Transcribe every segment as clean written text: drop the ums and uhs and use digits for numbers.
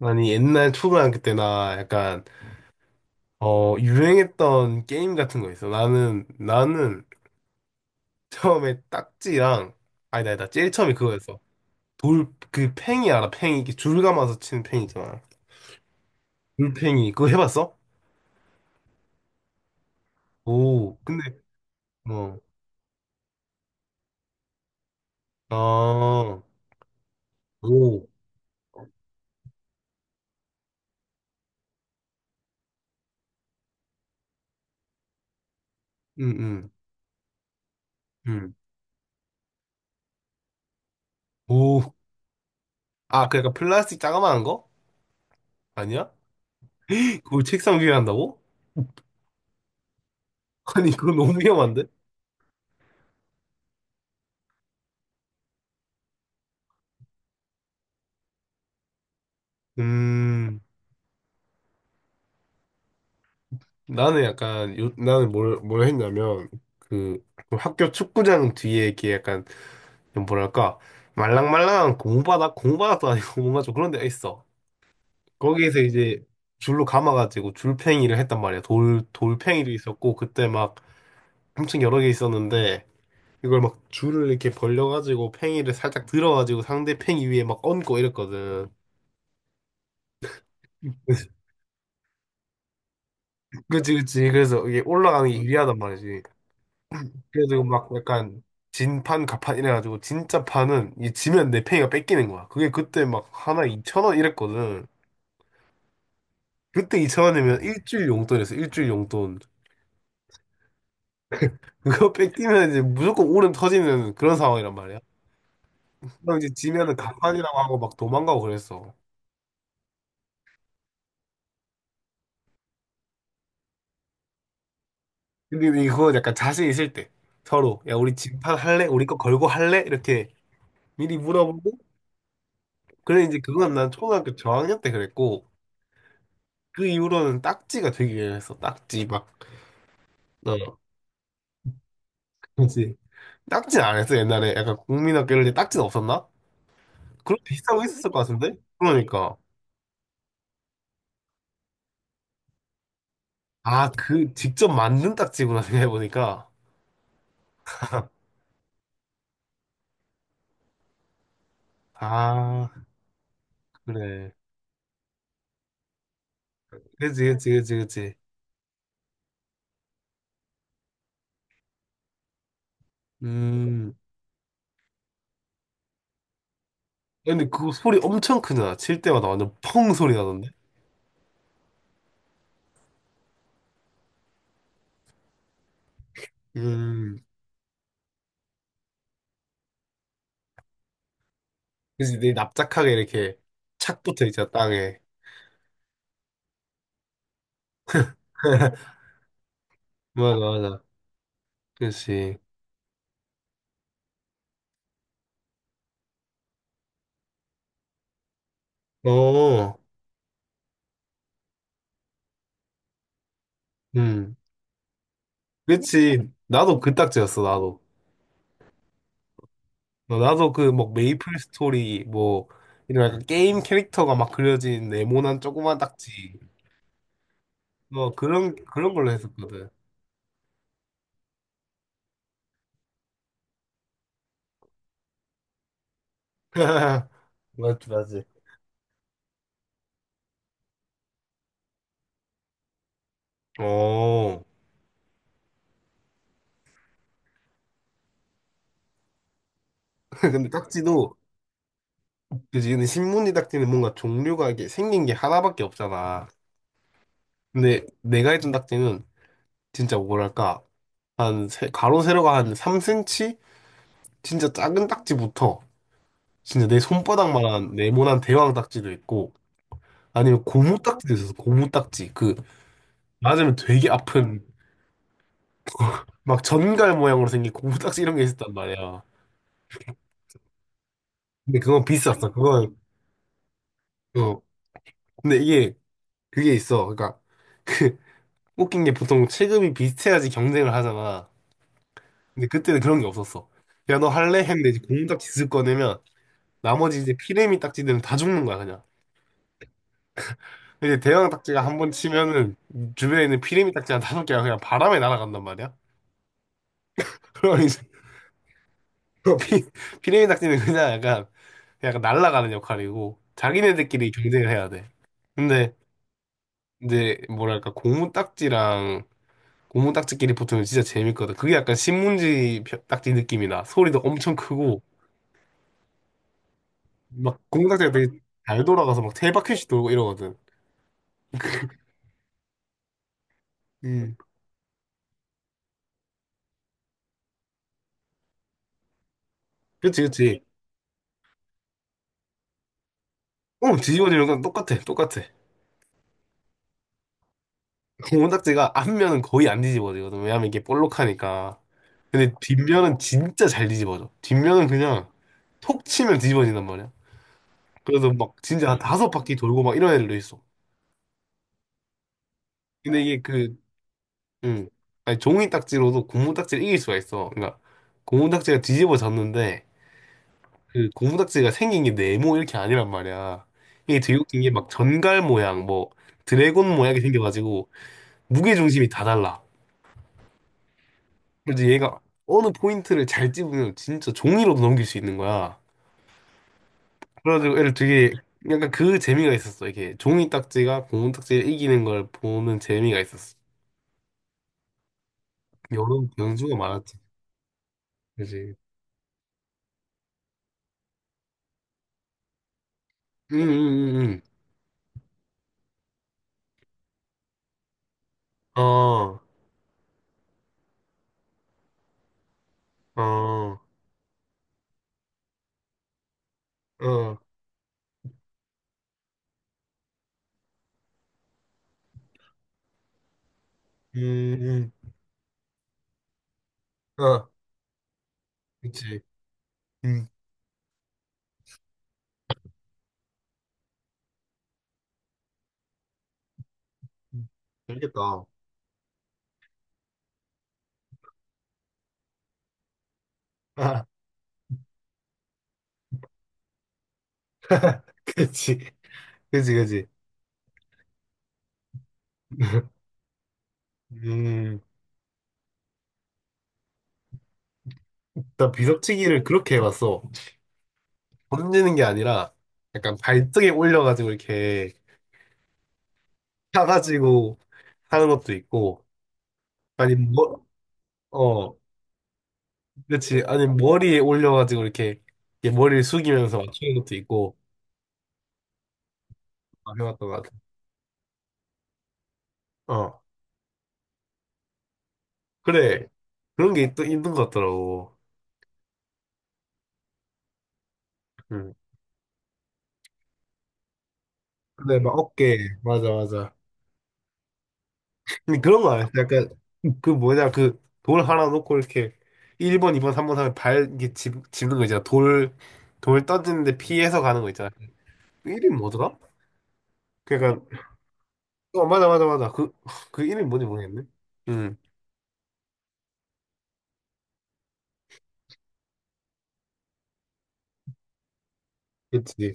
아니, 옛날 초등학교 때 나 약간, 유행했던 게임 같은 거 있어. 나는 처음에 딱지랑, 아니다, 아니다. 제일 처음에 그거였어. 돌, 그 팽이 알아? 팽이. 이렇게 줄 감아서 치는 팽이 있잖아. 돌팽이. 그거 해봤어? 오, 근데, 어, 아, 오, 응, 응, 응. 오. 아, 그 약간 플라스틱 자그마한 거? 아니야? 그걸 책상 위에 한다고? 아니, 그건 너무 위험한데? 음. 나는 약간 요, 나는 뭘 했냐면 그 그 학교 축구장 뒤에 이렇게 약간 뭐랄까 말랑말랑한 공바닥도 아니고 뭔가 좀 그런 데가 있어. 거기에서 이제 줄로 감아가지고 줄팽이를 했단 말이야. 돌 돌팽이도 있었고 그때 막 엄청 여러 개 있었는데 이걸 막 줄을 이렇게 벌려가지고 팽이를 살짝 들어가지고 상대 팽이 위에 막 얹고 이랬거든. 그치 그치 그래서 이게 올라가는 게 유리하단 말이지. 그래가지고 막 약간 진판 가판 이래가지고 진짜 판은 이 지면 내 팽이가 뺏기는 거야. 그게 그때 막 하나 2천 원 이랬거든. 그때 2천 원이면 일주일 용돈이었어. 일주일 용돈. 그거 뺏기면 이제 무조건 울음 터지는 그런 상황이란 말이야. 그럼 이제 지면은 가판이라고 하고 막 도망가고 그랬어. 근데 이거 약간 자신 있을 때 서로 야 우리 진판 할래? 우리 거 걸고 할래? 이렇게 미리 물어보고 그래 이제 그건 난 초등학교 저학년 때 그랬고 그 이후로는 딱지가 되기 위해서 딱지 막 어, 그지 딱지는 안 했어, 옛날에. 약간 국민학교 이럴 때 딱지는 없었나? 그런 거 비슷한 거 있었을 것 같은데? 그러니까. 아, 그, 직접 만든 딱지구나, 생각해보니까. 아, 그래. 그치, 그치, 그치, 그치. 음. 근데 그 소리 엄청 크잖아. 칠 때마다 완전 펑 소리 나던데? 음. 그치, 내 납작하게 이렇게 착 붙어 있잖아, 땅에. 맞아, 맞아. 그치. 어, 음. 그치. 나도 그 딱지였어, 나도. 어, 나도 그 뭐 메이플 스토리 뭐 이런 약간 게임 캐릭터가 막 그려진 네모난 조그만 딱지 뭐 그런 걸로 했었거든. 맞지, 맞지. 어 근데 딱지도 그지 근데 신문지 딱지는 뭔가 종류가 이게 생긴 게 하나밖에 없잖아. 근데 내가 했던 딱지는 진짜 뭐랄까 한 가로 세로가 한 3cm 진짜 작은 딱지부터 진짜 내 손바닥만한 네모난 대왕 딱지도 있고 아니면 고무 딱지도 있었어. 고무 딱지 그 맞으면 되게 아픈 막 전갈 모양으로 생긴 고무딱지 이런 게 있었단 말이야. 근데 그건 비쌌어. 그건 어. 근데 이게 그게 있어. 그러니까 그 웃긴 게 보통 체급이 비슷해야지 경쟁을 하잖아. 근데 그때는 그런 게 없었어. 야 너 할래? 했는데 이제 고무딱지 쓱 꺼내면 나머지 이제 피레미 딱지들은 다 죽는 거야 그냥. 이제 대형 딱지가 한번 치면은 주변에 있는 피레미 딱지 한 다섯 개가 그냥 바람에 날아간단 말이야. 그러니 피, 피레미 닭띠는 그냥 약간, 약간 날아가는 역할이고, 자기네들끼리 경쟁을 해야 돼. 근데, 이제, 뭐랄까, 고무 딱지랑, 고무 딱지끼리 붙으면 진짜 재밌거든. 그게 약간 신문지 딱지 느낌이 나. 소리도 엄청 크고, 막, 고무 딱지가 되게 잘 돌아가서 막 세바퀴씩 돌고 이러거든. 음. 그치, 그치. 어, 뒤집어지는 건 똑같아, 똑같아. 고무 딱지가 앞면은 거의 안 뒤집어지거든. 왜냐면 이게 볼록하니까. 근데 뒷면은 진짜 잘 뒤집어져. 뒷면은 그냥 톡 치면 뒤집어진단 말이야. 그래서 막 진짜 한 다섯 바퀴 돌고 막 이런 애들도 있어. 근데 이게 그, 음, 아니 종이 딱지로도 고무 딱지를 이길 수가 있어. 그러니까 고무 딱지가 뒤집어졌는데 그 고무 딱지가 생긴 게 네모 이렇게 아니란 말이야. 이게 되게 웃긴 게 막 전갈 모양, 뭐 드래곤 모양이 생겨가지고 무게 중심이 다 달라. 그래서 얘가 어느 포인트를 잘 집으면 진짜 종이로도 넘길 수 있는 거야. 그래가지고 애를 되게 약간 그 재미가 있었어. 이게 종이 딱지가 고무 딱지를 이기는 걸 보는 재미가 있었어. 여러 경주가 많았지. 그지? 응, 응, 응, 응. 어, 어, 어, 음, 음. 어, 그치. 음, 음. 재밌겠다. 아, 그치. 그치, 그치. 음, 나 비석치기를 그렇게 해봤어. 던지는 게 아니라 약간 발등에 올려가지고 이렇게 차가지고 하는 것도 있고, 아니, 뭐, 어, 그치. 아니, 머리에 올려가지고 이렇게, 이게 머리를 숙이면서 어, 맞추는 것도 있고, 아, 해봤던 것 같아. 어, 그래. 그런 게 있, 있는 것 같더라고. 응. 근데 막 어깨, 맞아, 맞아. 근데 그런 거 아니야 약간, 그 뭐냐, 그 돌 하나 놓고 이렇게, 1번, 2번, 3번 하면 발, 이렇게 집, 집는 거 있잖아. 돌, 돌 던지는데 피해서 가는 거 있잖아. 그 이름이 뭐더라? 그니까, 어, 맞아, 맞아, 맞아. 그, 그 이름이 뭔지 모르겠네. 응, 그치.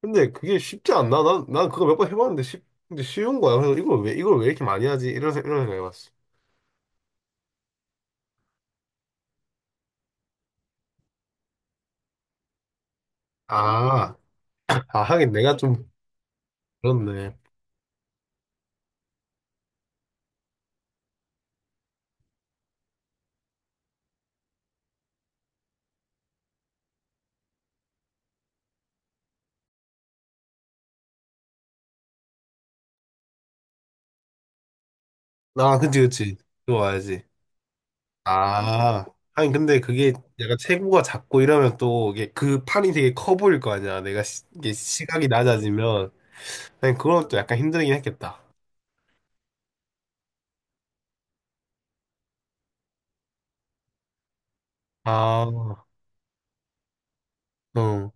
근데 그게 쉽지 않나? 난 그거 몇 번 해봤는데 쉽, 근데 쉬운 거야. 그래서 이걸 왜, 이걸 왜 이렇게 많이 하지? 이런, 이런 생각 해봤어. 아, 아, 하긴 내가 좀, 그렇네. 아, 그치, 그치. 좋아야지. 아, 하긴 근데 그게 약간 체구가 작고 이러면 또 이게 그 판이 되게 커 보일 거 아니야. 내가 시, 이게 시각이 낮아지면. 하긴 그건 또 약간 힘들긴 했겠다. 아, 응.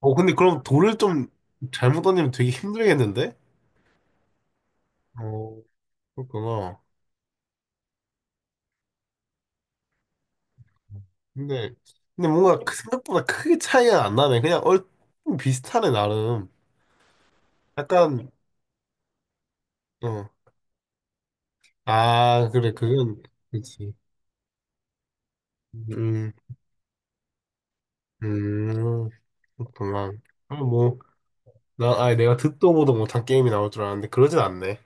어, 근데 그럼 돌을 좀 잘못 던지면 되게 힘들겠는데? 어, 그렇구나. 근데, 근데 뭔가 그 생각보다 크게 차이가 안 나네. 그냥 얼 비슷하네, 나름. 약간, 어. 아, 그래, 그건, 그치. 음, 음, 그렇구나. 아, 뭐, 나, 아 내가 듣도 보도 못한 게임이 나올 줄 알았는데, 그러진 않네.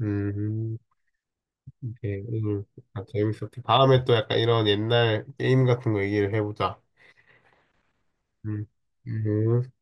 음, 오케이. 오늘 아, 재밌었지. 다음에 또 약간 이런 옛날 게임 같은 거 얘기를 해보자. 음, 음.